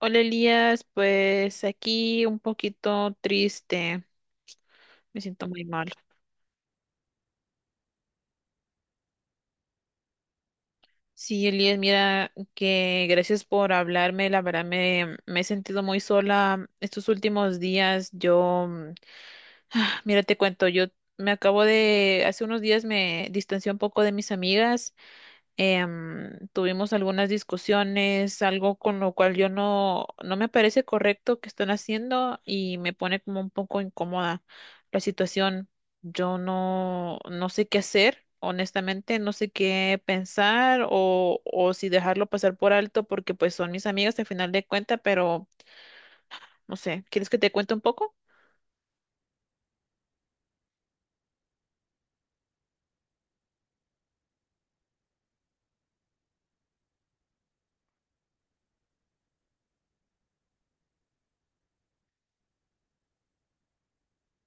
Hola Elías, pues aquí un poquito triste, me siento muy mal. Sí, Elías, mira que gracias por hablarme, la verdad me he sentido muy sola estos últimos días. Mira, te cuento, yo me acabo de, hace unos días me distancié un poco de mis amigas tuvimos algunas discusiones, algo con lo cual yo no, no me parece correcto que están haciendo y me pone como un poco incómoda la situación. Yo no, no sé qué hacer, honestamente, no sé qué pensar o si dejarlo pasar por alto porque pues son mis amigas al final de cuenta, pero no sé, ¿quieres que te cuente un poco?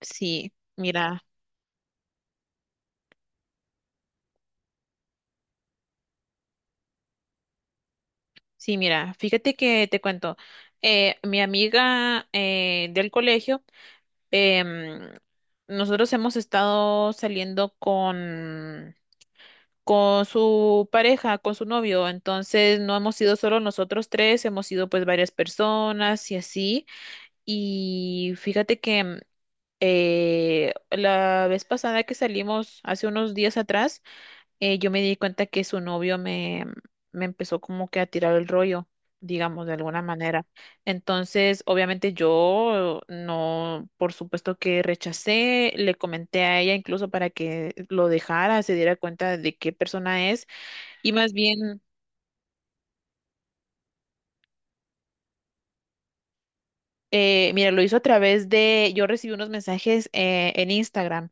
Sí, mira, sí, mira, fíjate que te cuento. Mi amiga del colegio, em, nosotros hemos estado saliendo con su pareja, con su novio, entonces no hemos sido solo nosotros tres, hemos sido pues varias personas y así. Y fíjate que la vez pasada que salimos, hace unos días atrás, yo me di cuenta que su novio me empezó como que a tirar el rollo, digamos, de alguna manera. Entonces, obviamente yo no, por supuesto que rechacé, le comenté a ella incluso para que lo dejara, se diera cuenta de qué persona es y más bien... mira, lo hizo a través de, yo recibí unos mensajes en Instagram,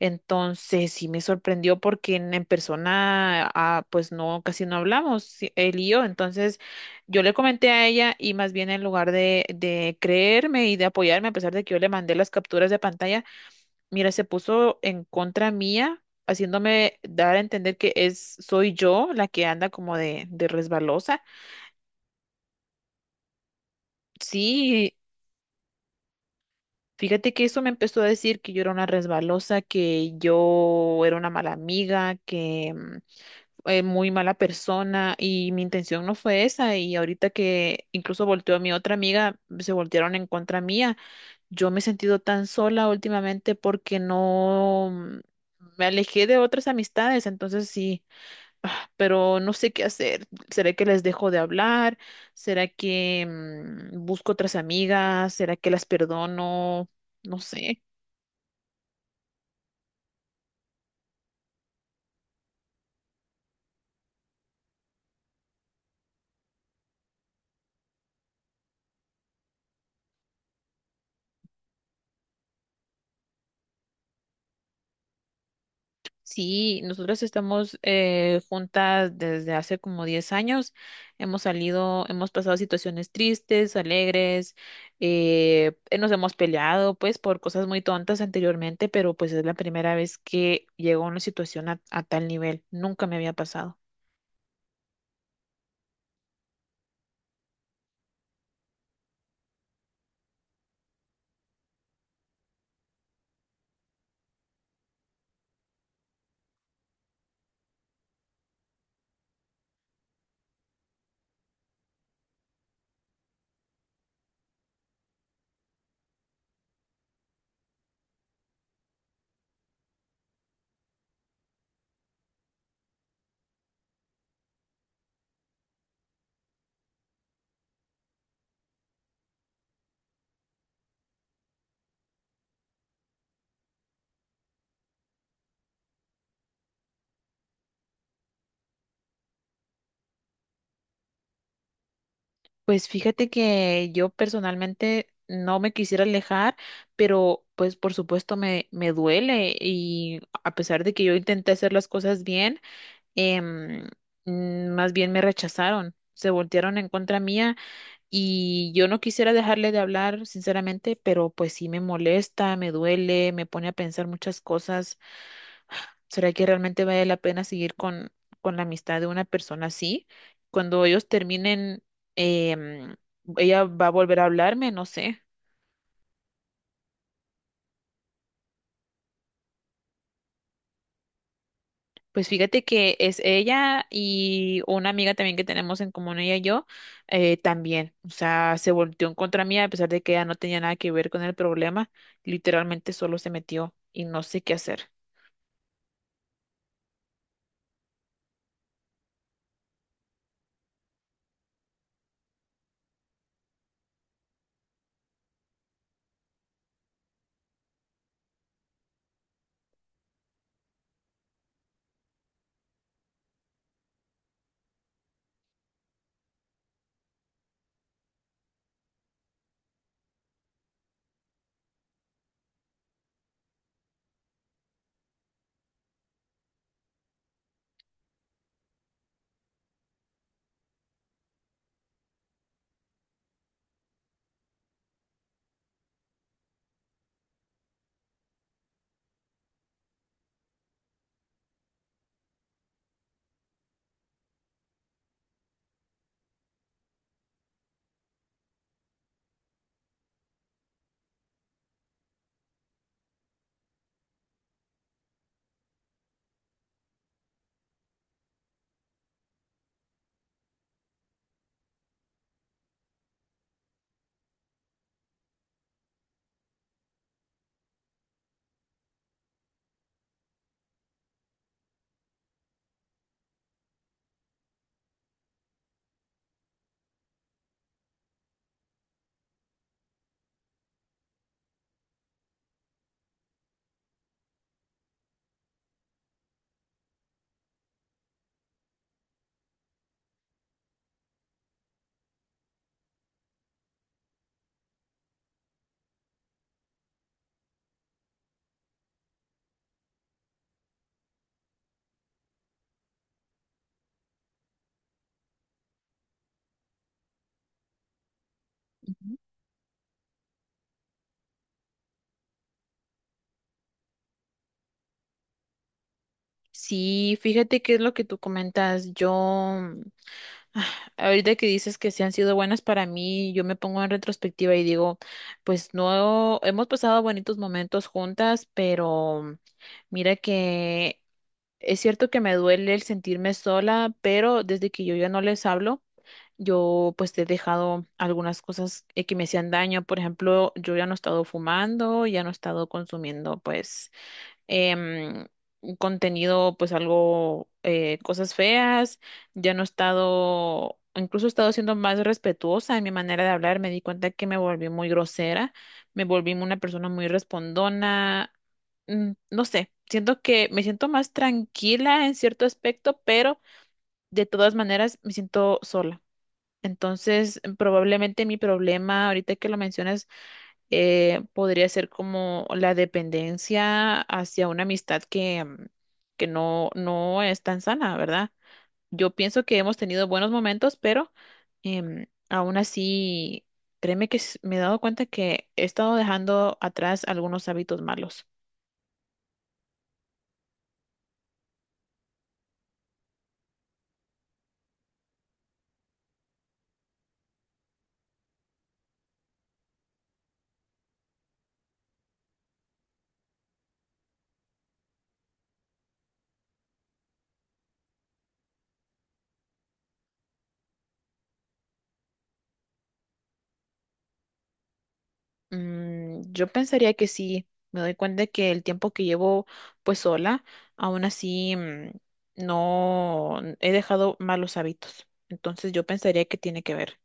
entonces sí me sorprendió porque en persona, ah, pues no, casi no hablamos, sí, él y yo, entonces yo le comenté a ella y más bien en lugar de creerme y de apoyarme, a pesar de que yo le mandé las capturas de pantalla, mira, se puso en contra mía, haciéndome dar a entender que es, soy yo la que anda como de resbalosa. Sí. Fíjate que eso me empezó a decir que yo era una resbalosa, que yo era una mala amiga, que muy mala persona y mi intención no fue esa y ahorita que incluso volteó a mi otra amiga, se voltearon en contra mía. Yo me he sentido tan sola últimamente porque no mm, me alejé de otras amistades, entonces sí ah, pero no sé qué hacer. ¿Será que les dejo de hablar? ¿Será que busco otras amigas? ¿Será que las perdono? No sé. Sí, nosotras estamos juntas desde hace como 10 años. Hemos salido, hemos pasado situaciones tristes, alegres, nos hemos peleado pues por cosas muy tontas anteriormente, pero pues es la primera vez que llego a una situación a tal nivel. Nunca me había pasado. Pues fíjate que yo personalmente no me quisiera alejar, pero pues por supuesto me duele y a pesar de que yo intenté hacer las cosas bien, em, más bien me rechazaron, se voltearon en contra mía y yo no quisiera dejarle de hablar, sinceramente, pero pues sí me molesta, me duele, me pone a pensar muchas cosas. ¿Será que realmente vale la pena seguir con la amistad de una persona así? Cuando ellos terminen, em, ella va a volver a hablarme, no sé. Pues fíjate que es ella y una amiga también que tenemos en común, ella y yo, también. O sea, se volteó en contra mía a pesar de que ella no tenía nada que ver con el problema. Literalmente solo se metió y no sé qué hacer. Sí, fíjate qué es lo que tú comentas. Yo, ah, ahorita que dices que sí han sido buenas para mí, yo me pongo en retrospectiva y digo, pues no, hemos pasado bonitos momentos juntas, pero mira que es cierto que me duele el sentirme sola, pero desde que yo ya no les hablo, yo pues he dejado algunas cosas que me hacían daño. Por ejemplo, yo ya no he estado fumando, ya no he estado consumiendo pues em, un contenido, pues algo, cosas feas. Ya no he estado, incluso he estado siendo más respetuosa en mi manera de hablar. Me di cuenta que me volví muy grosera, me volví una persona muy respondona. No sé, siento que me siento más tranquila en cierto aspecto, pero de todas maneras me siento sola. Entonces, probablemente mi problema, ahorita que lo mencionas, podría ser como la dependencia hacia una amistad que no es tan sana, ¿verdad? Yo pienso que hemos tenido buenos momentos, pero aún así, créeme que me he dado cuenta que he estado dejando atrás algunos hábitos malos. Mm, yo pensaría que sí, me doy cuenta que el tiempo que llevo pues sola, aún así no he dejado malos hábitos. Entonces yo pensaría que tiene que ver.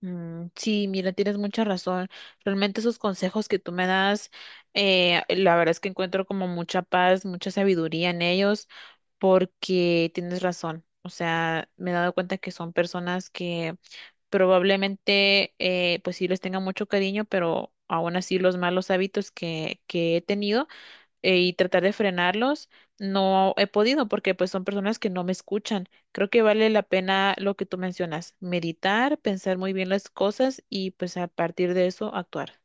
Mm, sí, mira, tienes mucha razón. Realmente esos consejos que tú me das, la verdad es que encuentro como mucha paz, mucha sabiduría en ellos, porque tienes razón. O sea, me he dado cuenta que son personas que probablemente, pues sí les tenga mucho cariño, pero aún así los malos hábitos que he tenido y tratar de frenarlos, no he podido porque pues son personas que no me escuchan. Creo que vale la pena lo que tú mencionas, meditar, pensar muy bien las cosas y pues a partir de eso actuar.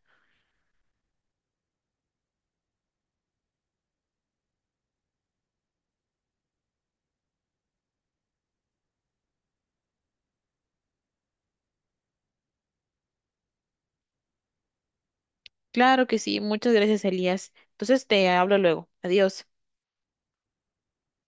Claro que sí, muchas gracias, Elías. Entonces te hablo luego. Adiós.